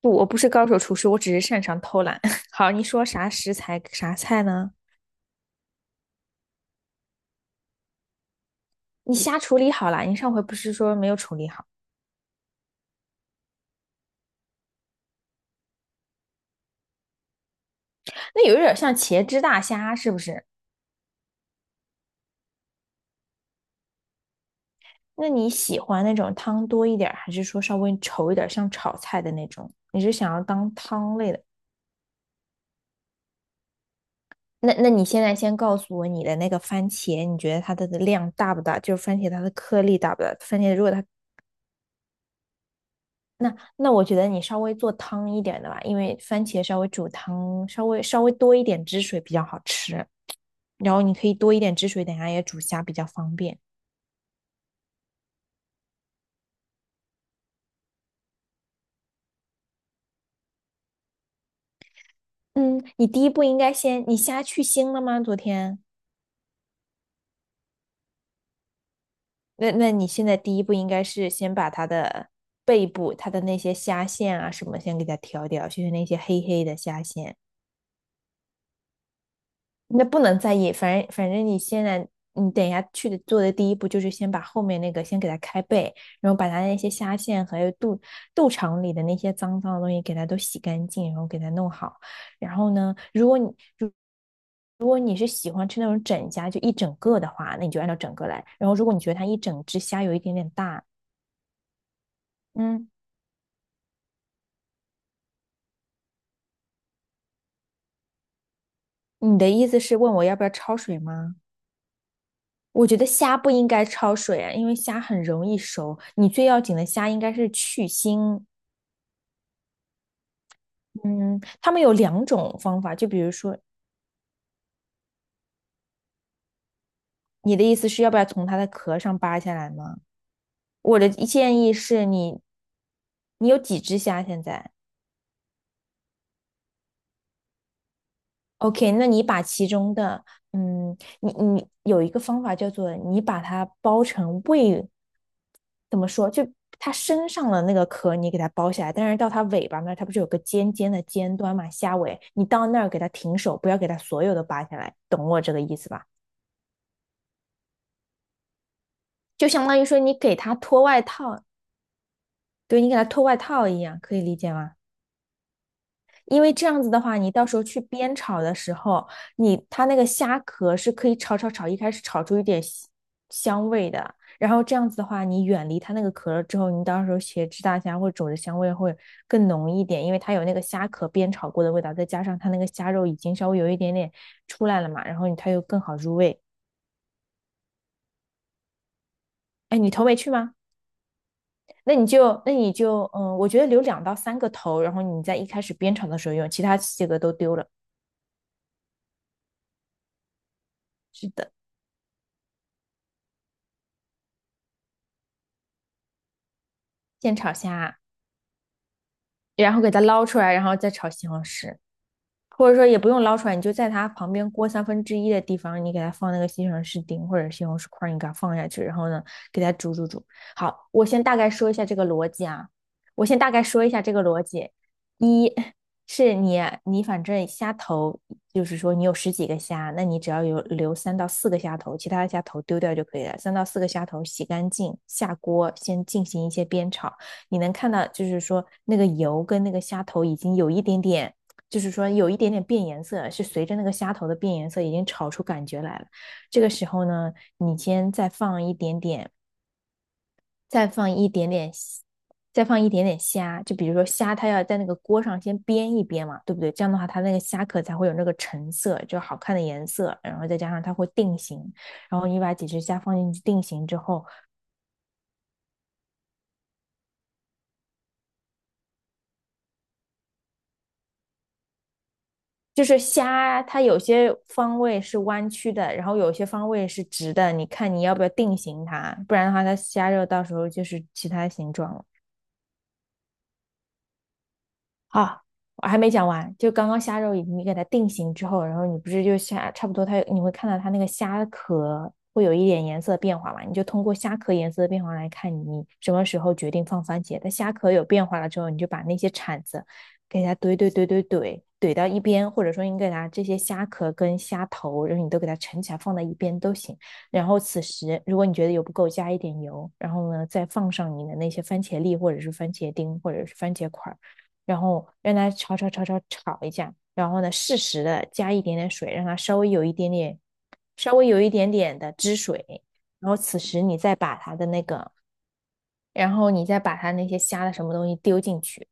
不，我不是高手厨师，我只是擅长偷懒。好，你说啥食材啥菜呢？你虾处理好了，你上回不是说没有处理好？那有点像茄汁大虾，是不是？那你喜欢那种汤多一点还是说稍微稠一点像炒菜的那种？你是想要当汤类的？那你现在先告诉我你的那个番茄，你觉得它的量大不大？就是番茄它的颗粒大不大？番茄如果它那那我觉得你稍微做汤一点的吧，因为番茄稍微煮汤，稍微多一点汁水比较好吃。然后你可以多一点汁水，等下也煮虾比较方便。嗯，你第一步应该先，你虾去腥了吗？昨天？那你现在第一步应该是先把它的背部、它的那些虾线啊什么先给它挑掉，就是那些黑黑的虾线。那不能在意，反正你现在，你等一下去的做的第一步就是先把后面那个先给它开背，然后把它那些虾线还有肚肠里的那些脏脏的东西给它都洗干净，然后给它弄好。然后呢，如如果你是喜欢吃那种整虾，就一整个的话，那你就按照整个来。然后如果你觉得它一整只虾有一点点大，嗯，你的意思是问我要不要焯水吗？我觉得虾不应该焯水啊，因为虾很容易熟。你最要紧的虾应该是去腥。嗯，他们有两种方法，就比如说，你的意思是要不要从它的壳上扒下来吗？我的建议是你有几只虾现在？OK,那你把其中的，你有一个方法叫做你把它包成胃，怎么说？就它身上的那个壳你给它剥下来，但是到它尾巴那儿，它不是有个尖尖的尖端嘛，虾尾，你到那儿给它停手，不要给它所有的扒下来，懂我这个意思吧？就相当于说你给他脱外套，对你给他脱外套一样，可以理解吗？因为这样子的话，你到时候去煸炒的时候，你它那个虾壳是可以炒炒炒，一开始炒出一点香味的。然后这样子的话，你远离它那个壳了之后，你到时候茄汁大虾或者肘子香味会更浓一点，因为它有那个虾壳煸炒过的味道，再加上它那个虾肉已经稍微有一点点出来了嘛，然后它又更好入味。哎，你头没去吗？那你就，那你就，嗯，我觉得留两到三个头，然后你在一开始煸炒的时候用，其他几个都丢了，先炒虾，然后给它捞出来，然后再炒西红柿。或者说也不用捞出来，你就在它旁边锅三分之一的地方，你给它放那个西红柿丁或者西红柿块儿，你给它放下去，然后呢，给它煮煮煮。好，我先大概说一下这个逻辑啊，我先大概说一下这个逻辑。一是你反正虾头，就是说你有十几个虾，那你只要有留三到四个虾头，其他的虾头丢掉就可以了。三到四个虾头洗干净，下锅先进行一些煸炒。你能看到，就是说那个油跟那个虾头已经有一点点。就是说有一点点变颜色，是随着那个虾头的变颜色已经炒出感觉来了。这个时候呢，你先再放一点点，再放一点点虾，就比如说虾，它要在那个锅上先煸一煸嘛，对不对？这样的话，它那个虾壳才会有那个橙色，就好看的颜色，然后再加上它会定型，然后你把几只虾放进去定型之后，就是虾，它有些方位是弯曲的，然后有些方位是直的，你看你要不要定型它，不然的话它虾肉到时候就是其他形状了。啊，我还没讲完，就刚刚虾肉你给它定型之后，然后你不是就虾差不多它你会看到它那个虾壳会有一点颜色变化嘛？你就通过虾壳颜色的变化来看你什么时候决定放番茄。它虾壳有变化了之后，你就把那些铲子给它怼怼怼怼怼怼到一边，或者说你给它这些虾壳跟虾头，然后你都给它盛起来放在一边都行。然后此时如果你觉得油不够，加一点油，然后呢再放上你的那些番茄粒或者是番茄丁或者是番茄块。然后让它炒炒炒炒炒一下，然后呢适时的加一点点水，让它稍微有一点点的汁水，然后此时你再把它的那个，然后你再把它那些虾的什么东西丢进去。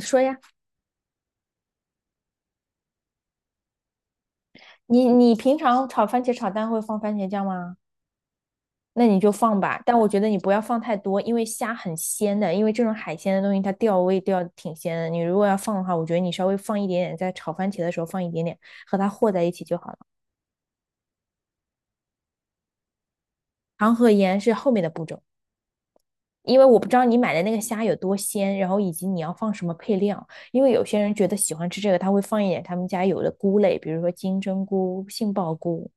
你说呀，你你平常炒番茄炒蛋会放番茄酱吗？那你就放吧，但我觉得你不要放太多，因为虾很鲜的，因为这种海鲜的东西它调味调得挺鲜的。你如果要放的话，我觉得你稍微放一点点，在炒番茄的时候放一点点，和它和在一起就好了。糖和盐是后面的步骤，因为我不知道你买的那个虾有多鲜，然后以及你要放什么配料。因为有些人觉得喜欢吃这个，他会放一点他们家有的菇类，比如说金针菇、杏鲍菇，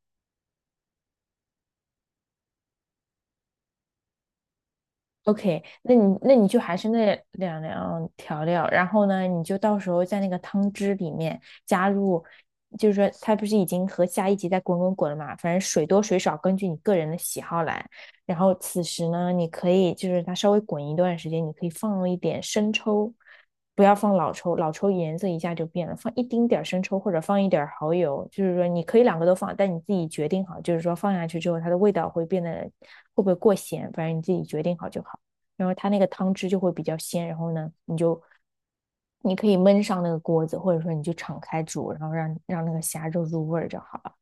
OK,那你就还是那两样调料，然后呢，你就到时候在那个汤汁里面加入，就是说它不是已经和下一集在滚滚滚了嘛，反正水多水少根据你个人的喜好来。然后此时呢，你可以就是它稍微滚一段时间，你可以放一点生抽，不要放老抽，老抽颜色一下就变了，放一丁点儿生抽或者放一点儿蚝油，就是说你可以两个都放，但你自己决定好，就是说放下去之后它的味道会变得会不会过咸，反正你自己决定好就好。然后它那个汤汁就会比较鲜，然后呢，你可以焖上那个锅子，或者说你就敞开煮，然后让那个虾肉入味儿就好了。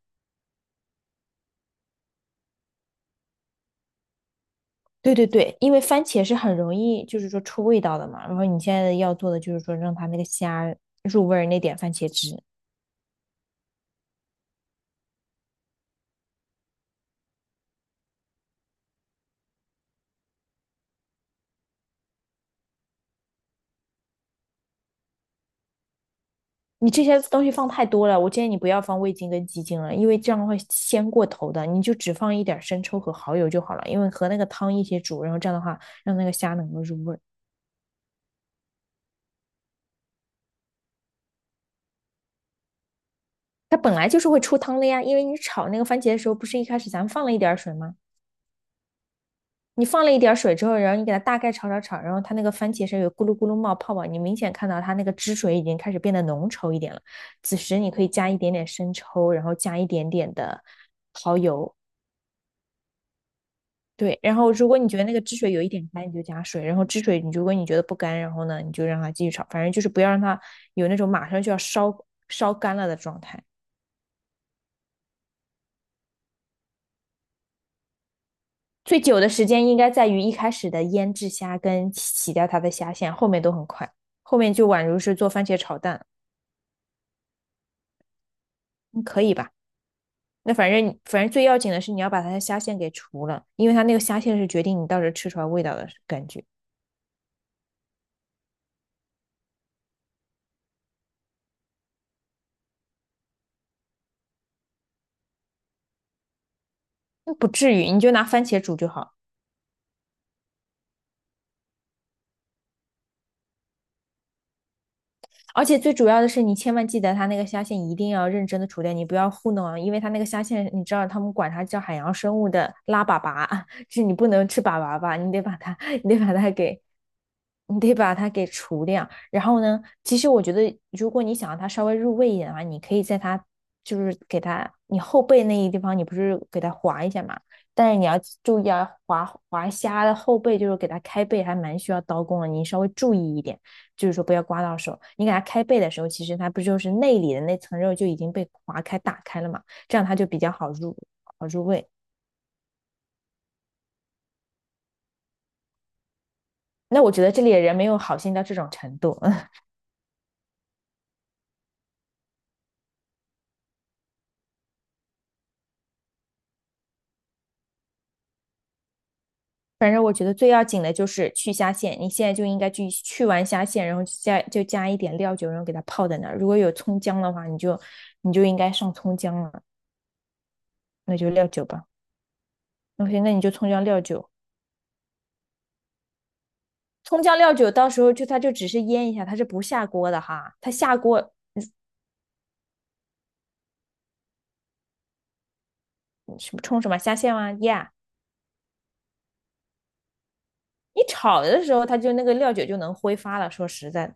对对对，因为番茄是很容易就是说出味道的嘛，然后你现在要做的就是说让它那个虾入味儿那点番茄汁。你这些东西放太多了，我建议你不要放味精跟鸡精了，因为这样会鲜过头的。你就只放一点生抽和蚝油就好了，因为和那个汤一起煮，然后这样的话让那个虾能够入味儿。它本来就是会出汤的呀，因为你炒那个番茄的时候，不是一开始咱们放了一点水吗？你放了一点水之后，然后你给它大概炒炒炒，然后它那个番茄是有咕噜咕噜冒泡泡，你明显看到它那个汁水已经开始变得浓稠一点了。此时你可以加一点点生抽，然后加一点点的蚝油，对。然后如果你觉得那个汁水有一点干，你就加水；然后汁水你如果你觉得不干，然后呢你就让它继续炒，反正就是不要让它有那种马上就要烧烧干了的状态。最久的时间应该在于一开始的腌制虾跟洗掉它的虾线，后面都很快，后面就宛如是做番茄炒蛋，嗯可以吧？那反正最要紧的是你要把它的虾线给除了，因为它那个虾线是决定你到时候吃出来味道的感觉。那不至于，你就拿番茄煮就好了。而且最主要的是，你千万记得它那个虾线一定要认真的除掉，你不要糊弄啊，因为它那个虾线，你知道他们管它叫海洋生物的拉粑粑啊，就是你不能吃粑粑吧，你得把它给，你得把它给除掉。然后呢，其实我觉得，如果你想让它稍微入味一点的话，你可以在它就是给它你后背那一地方，你不是给它划一下嘛？但是你要注意啊，划划虾的后背就是给它开背，还蛮需要刀工的，你稍微注意一点。就是说不要刮到手。你给它开背的时候，其实它不就是内里的那层肉就已经被划开、打开了嘛？这样它就比较好入味。那我觉得这里的人没有好心到这种程度。反正我觉得最要紧的就是去虾线，你现在就应该去完虾线，然后就加一点料酒，然后给它泡在那儿。如果有葱姜的话，你就应该上葱姜了，那就料酒吧。OK,那你就葱姜料酒。葱姜料酒到时候就它就只是腌一下，它是不下锅的哈。它下锅什么冲什么虾线吗？Yeah,你炒的时候，它就那个料酒就能挥发了。说实在的，